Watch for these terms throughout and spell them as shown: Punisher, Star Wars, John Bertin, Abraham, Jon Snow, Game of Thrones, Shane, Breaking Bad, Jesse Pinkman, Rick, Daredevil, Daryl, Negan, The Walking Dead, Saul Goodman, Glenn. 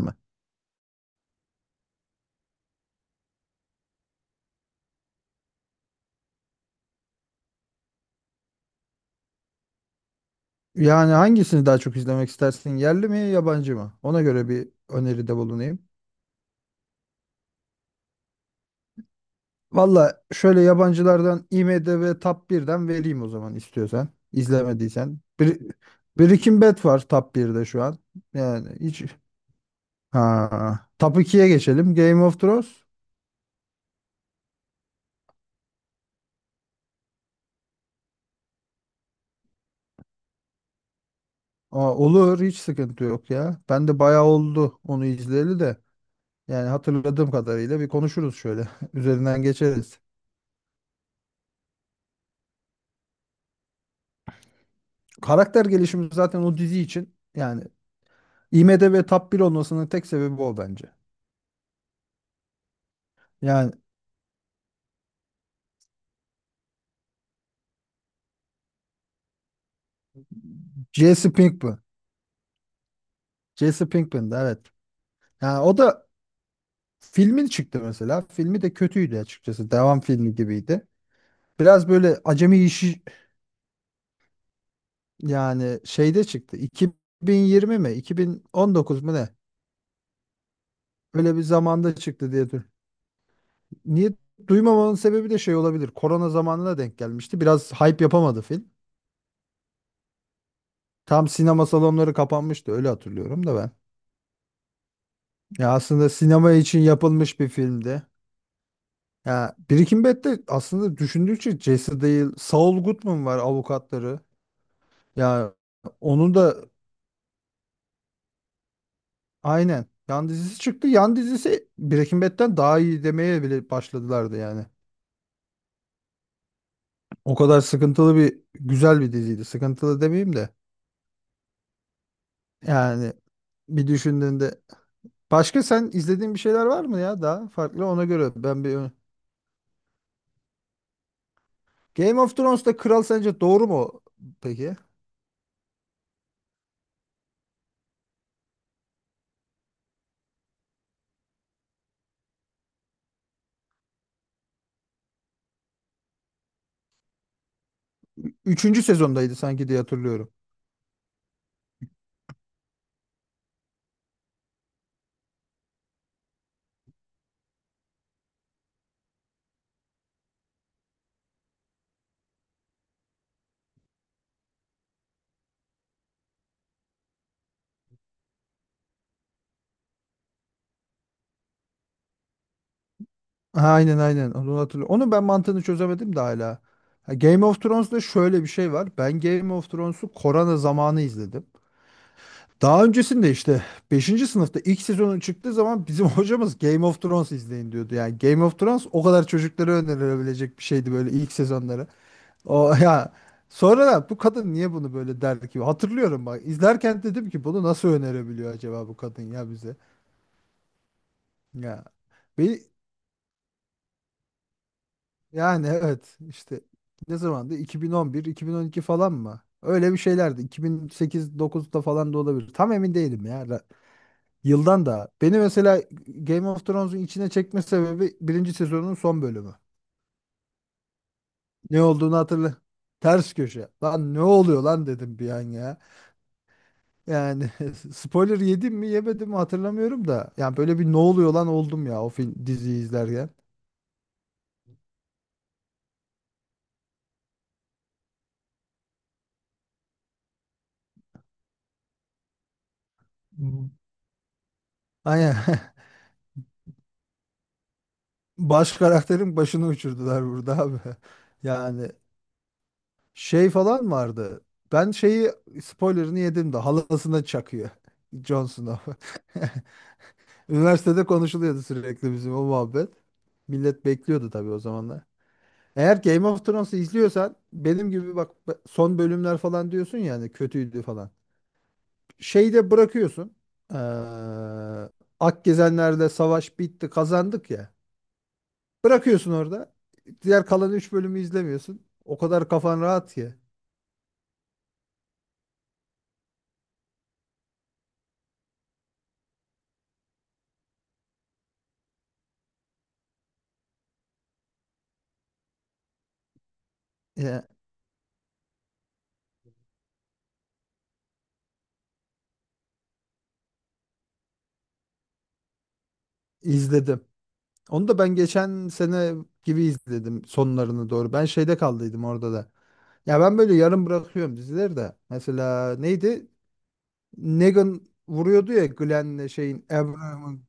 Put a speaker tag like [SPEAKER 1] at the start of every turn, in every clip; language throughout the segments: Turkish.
[SPEAKER 1] Mi? Yani hangisini daha çok izlemek istersin? Yerli mi, yabancı mı? Ona göre bir öneride bulunayım. Valla şöyle yabancılardan IMDb Top birden vereyim o zaman istiyorsan. İzlemediysen. Bir, Breaking Bad var Top birde şu an. Yani hiç... Ha. Top ikiye geçelim. Game of Thrones. Aa, olur hiç sıkıntı yok ya. Ben de bayağı oldu onu izleyeli de. Yani hatırladığım kadarıyla bir konuşuruz şöyle. Üzerinden geçeriz. Karakter gelişimi zaten o dizi için yani IMDb Top 1 olmasının tek sebebi o bence. Yani Jesse Pinkman. Jesse Pinkman, evet. Yani o da filmin çıktı mesela. Filmi de kötüydü açıkçası. Devam filmi gibiydi. Biraz böyle acemi işi yani şeyde çıktı. 2020 mi? 2019 mu ne? Öyle bir zamanda çıktı diye. Niye duymamanın sebebi de şey olabilir. Korona zamanına denk gelmişti. Biraz hype yapamadı film. Tam sinema salonları kapanmıştı öyle hatırlıyorum da ben. Ya aslında sinema için yapılmış bir filmdi. Ya Birikim Bet'te aslında düşündükçe Jesse değil, Saul Goodman var avukatları. Ya onu da aynen yan dizisi çıktı. Yan dizisi Breaking Bad'den daha iyi demeye bile başladılardı yani. O kadar sıkıntılı bir güzel bir diziydi. Sıkıntılı demeyeyim de yani bir düşündüğünde başka sen izlediğin bir şeyler var mı ya daha farklı ona göre ben bir Game of Thrones'ta kral sence doğru mu peki? Üçüncü sezondaydı sanki diye hatırlıyorum. Ha, aynen aynen onu hatırlıyorum. Onun ben mantığını çözemedim de hala. Ha, Game of Thrones'da şöyle bir şey var. Ben Game of Thrones'u korona zamanı izledim. Daha öncesinde işte beşinci sınıfta ilk sezonun çıktığı zaman bizim hocamız Game of Thrones izleyin diyordu. Yani Game of Thrones o kadar çocuklara önerilebilecek bir şeydi böyle ilk sezonları. O ya sonra da bu kadın niye bunu böyle derdi ki? Hatırlıyorum bak izlerken dedim ki bunu nasıl önerebiliyor acaba bu kadın ya bize? Ya bir yani evet işte ne zamandı? 2011, 2012 falan mı? Öyle bir şeylerdi. 2008-9'da falan da olabilir. Tam emin değilim ya. Yıldan da. Beni mesela Game of Thrones'un içine çekme sebebi birinci sezonun son bölümü. Ne olduğunu hatırla. Ters köşe. Lan ne oluyor lan dedim bir an ya. Yani spoiler yedim mi yemedim mi hatırlamıyorum da. Yani böyle bir ne oluyor lan oldum ya o film diziyi izlerken. Hmm. Aynen. Baş karakterin başını uçurdular burada abi. Yani şey falan vardı. Ben şeyi spoilerını yedim de halasına çakıyor. Jon Snow. Üniversitede konuşuluyordu sürekli bizim o muhabbet. Millet bekliyordu tabii o zamanlar. Eğer Game of Thrones'u izliyorsan benim gibi bak son bölümler falan diyorsun yani kötüydü falan. Şeyde bırakıyorsun. Ee, Akgezenlerle savaş bitti, kazandık ya. Bırakıyorsun orada. Diğer kalan 3 bölümü izlemiyorsun. O kadar kafan rahat ki. Ya, izledim. Onu da ben geçen sene gibi izledim sonlarını doğru. Ben şeyde kaldıydım orada da. Ya ben böyle yarım bırakıyorum dizileri de. Mesela neydi? Negan vuruyordu ya Glenn'le şeyin Abraham'ın.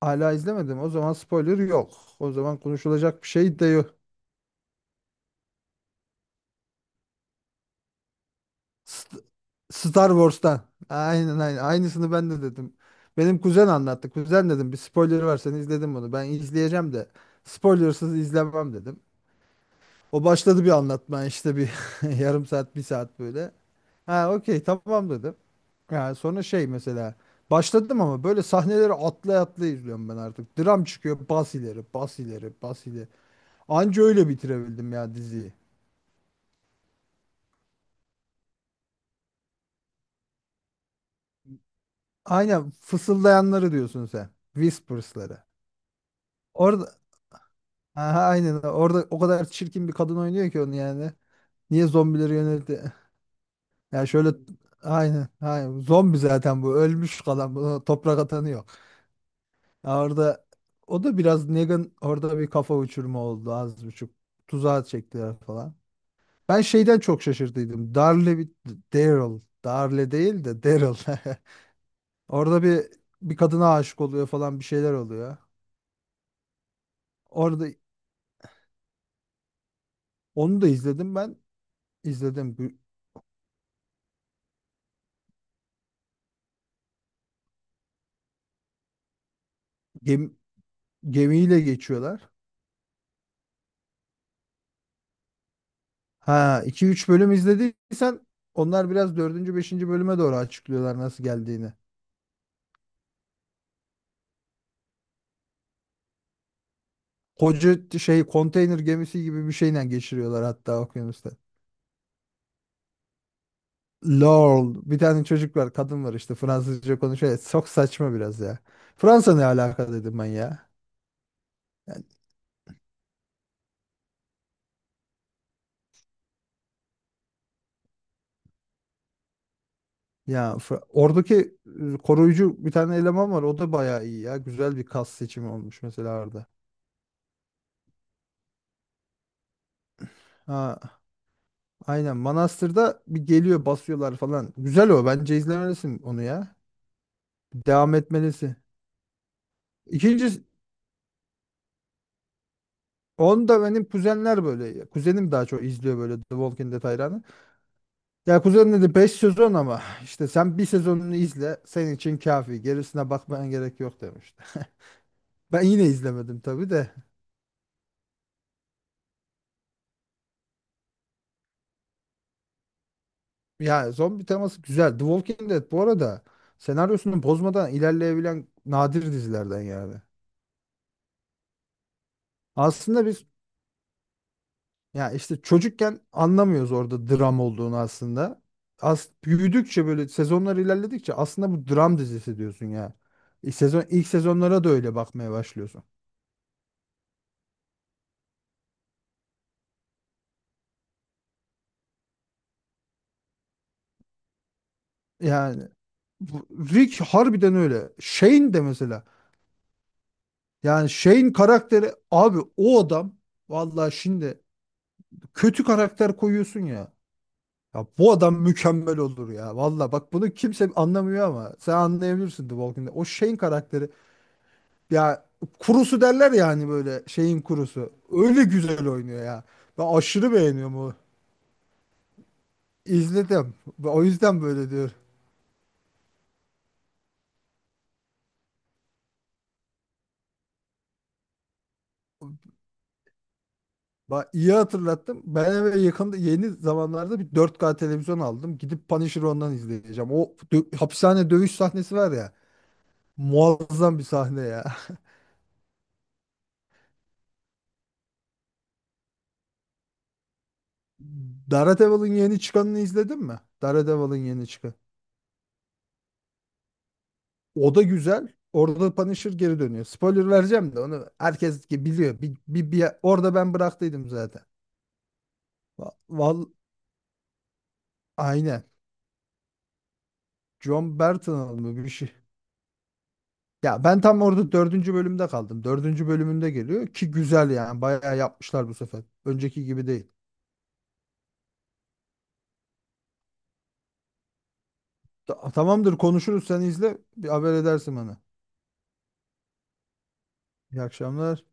[SPEAKER 1] Hala izlemedim. O zaman spoiler yok. O zaman konuşulacak bir şey de yok. St- Star Wars'tan. Aynen aynen. Aynısını ben de dedim. Benim kuzen anlattı. Kuzen dedim bir spoiler var sen izledin bunu. Ben izleyeceğim de spoilersız izlemem dedim. O başladı bir anlatmaya işte bir yarım saat bir saat böyle. Ha okey tamam dedim. Yani sonra şey mesela başladım ama böyle sahneleri atlay atlay izliyorum ben artık. Dram çıkıyor bas ileri bas ileri bas ileri. Anca öyle bitirebildim ya diziyi. Aynen fısıldayanları diyorsun sen. Whispers'ları. Orada aha, aynen orada o kadar çirkin bir kadın oynuyor ki onu yani. Niye zombileri yöneldi? Ya şöyle aynen, aynen zombi zaten bu ölmüş kalan bu toprak atanı yok. Ya orada o da biraz Negan orada bir kafa uçurma oldu az buçuk. Tuzağa çektiler falan. Ben şeyden çok şaşırdıydım. Darle bir Daryl. Darle değil de Daryl. Orada bir kadına aşık oluyor falan bir şeyler oluyor. Orada onu da izledim ben. İzledim. Gemi, Gemiyle geçiyorlar. Ha 2-3 bölüm izlediysen onlar biraz dördüncü beşinci bölüme doğru açıklıyorlar nasıl geldiğini. Şey konteyner gemisi gibi bir şeyle geçiriyorlar hatta okyanusta. Lol bir tane çocuk var kadın var işte Fransızca konuşuyor. Ya, çok saçma biraz ya. Fransa ne alaka dedim ben ya. Oradaki koruyucu bir tane eleman var o da bayağı iyi ya. Güzel bir kas seçimi olmuş mesela orada. Ha, aynen Manastır'da bir geliyor basıyorlar falan. Güzel o bence izlemelisin onu ya. Devam etmelisi. İkincisi onu da benim kuzenler böyle. Kuzenim daha çok izliyor böyle The Walking Dead hayranı. Ya kuzen dedi 5 sezon ama işte sen bir sezonunu izle senin için kafi. Gerisine bakmana gerek yok demişti. Ben yine izlemedim tabii de. Ya zombi teması güzel. The Walking Dead bu arada senaryosunu bozmadan ilerleyebilen nadir dizilerden yani. Aslında biz ya işte çocukken anlamıyoruz orada dram olduğunu aslında. As büyüdükçe böyle sezonlar ilerledikçe aslında bu dram dizisi diyorsun ya. Sezon ilk sezonlara da öyle bakmaya başlıyorsun. Yani bu- Rick harbiden öyle. Shane de mesela. Yani Shane karakteri abi o adam vallahi şimdi kötü karakter koyuyorsun ya. Ya bu adam mükemmel olur ya. Vallahi bak bunu kimse anlamıyor ama sen anlayabilirsin The Walking Dead. O Shane karakteri ya kurusu derler ya hani böyle şeyin kurusu. Öyle güzel oynuyor ya. Ben aşırı beğeniyorum onu. İzledim. O yüzden böyle diyor. Bak iyi hatırlattım. Ben eve yakında yeni zamanlarda bir 4K televizyon aldım. Gidip Punisher'ı ondan izleyeceğim. Hapishane dövüş sahnesi var ya. Muazzam bir sahne ya. Daredevil'ın yeni çıkanını izledin mi? Daredevil'ın yeni çıkan. O da güzel. Orada Punisher geri dönüyor. Spoiler vereceğim de onu herkes biliyor. Orada ben bıraktıydım zaten. Va- Val Aynen. John Bertin'ın mı bir şey. Ya ben tam orada dördüncü bölümde kaldım. Dördüncü bölümünde geliyor ki güzel yani. Bayağı yapmışlar bu sefer. Önceki gibi değil. Tamamdır konuşuruz sen izle. Bir haber edersin bana. İyi akşamlar.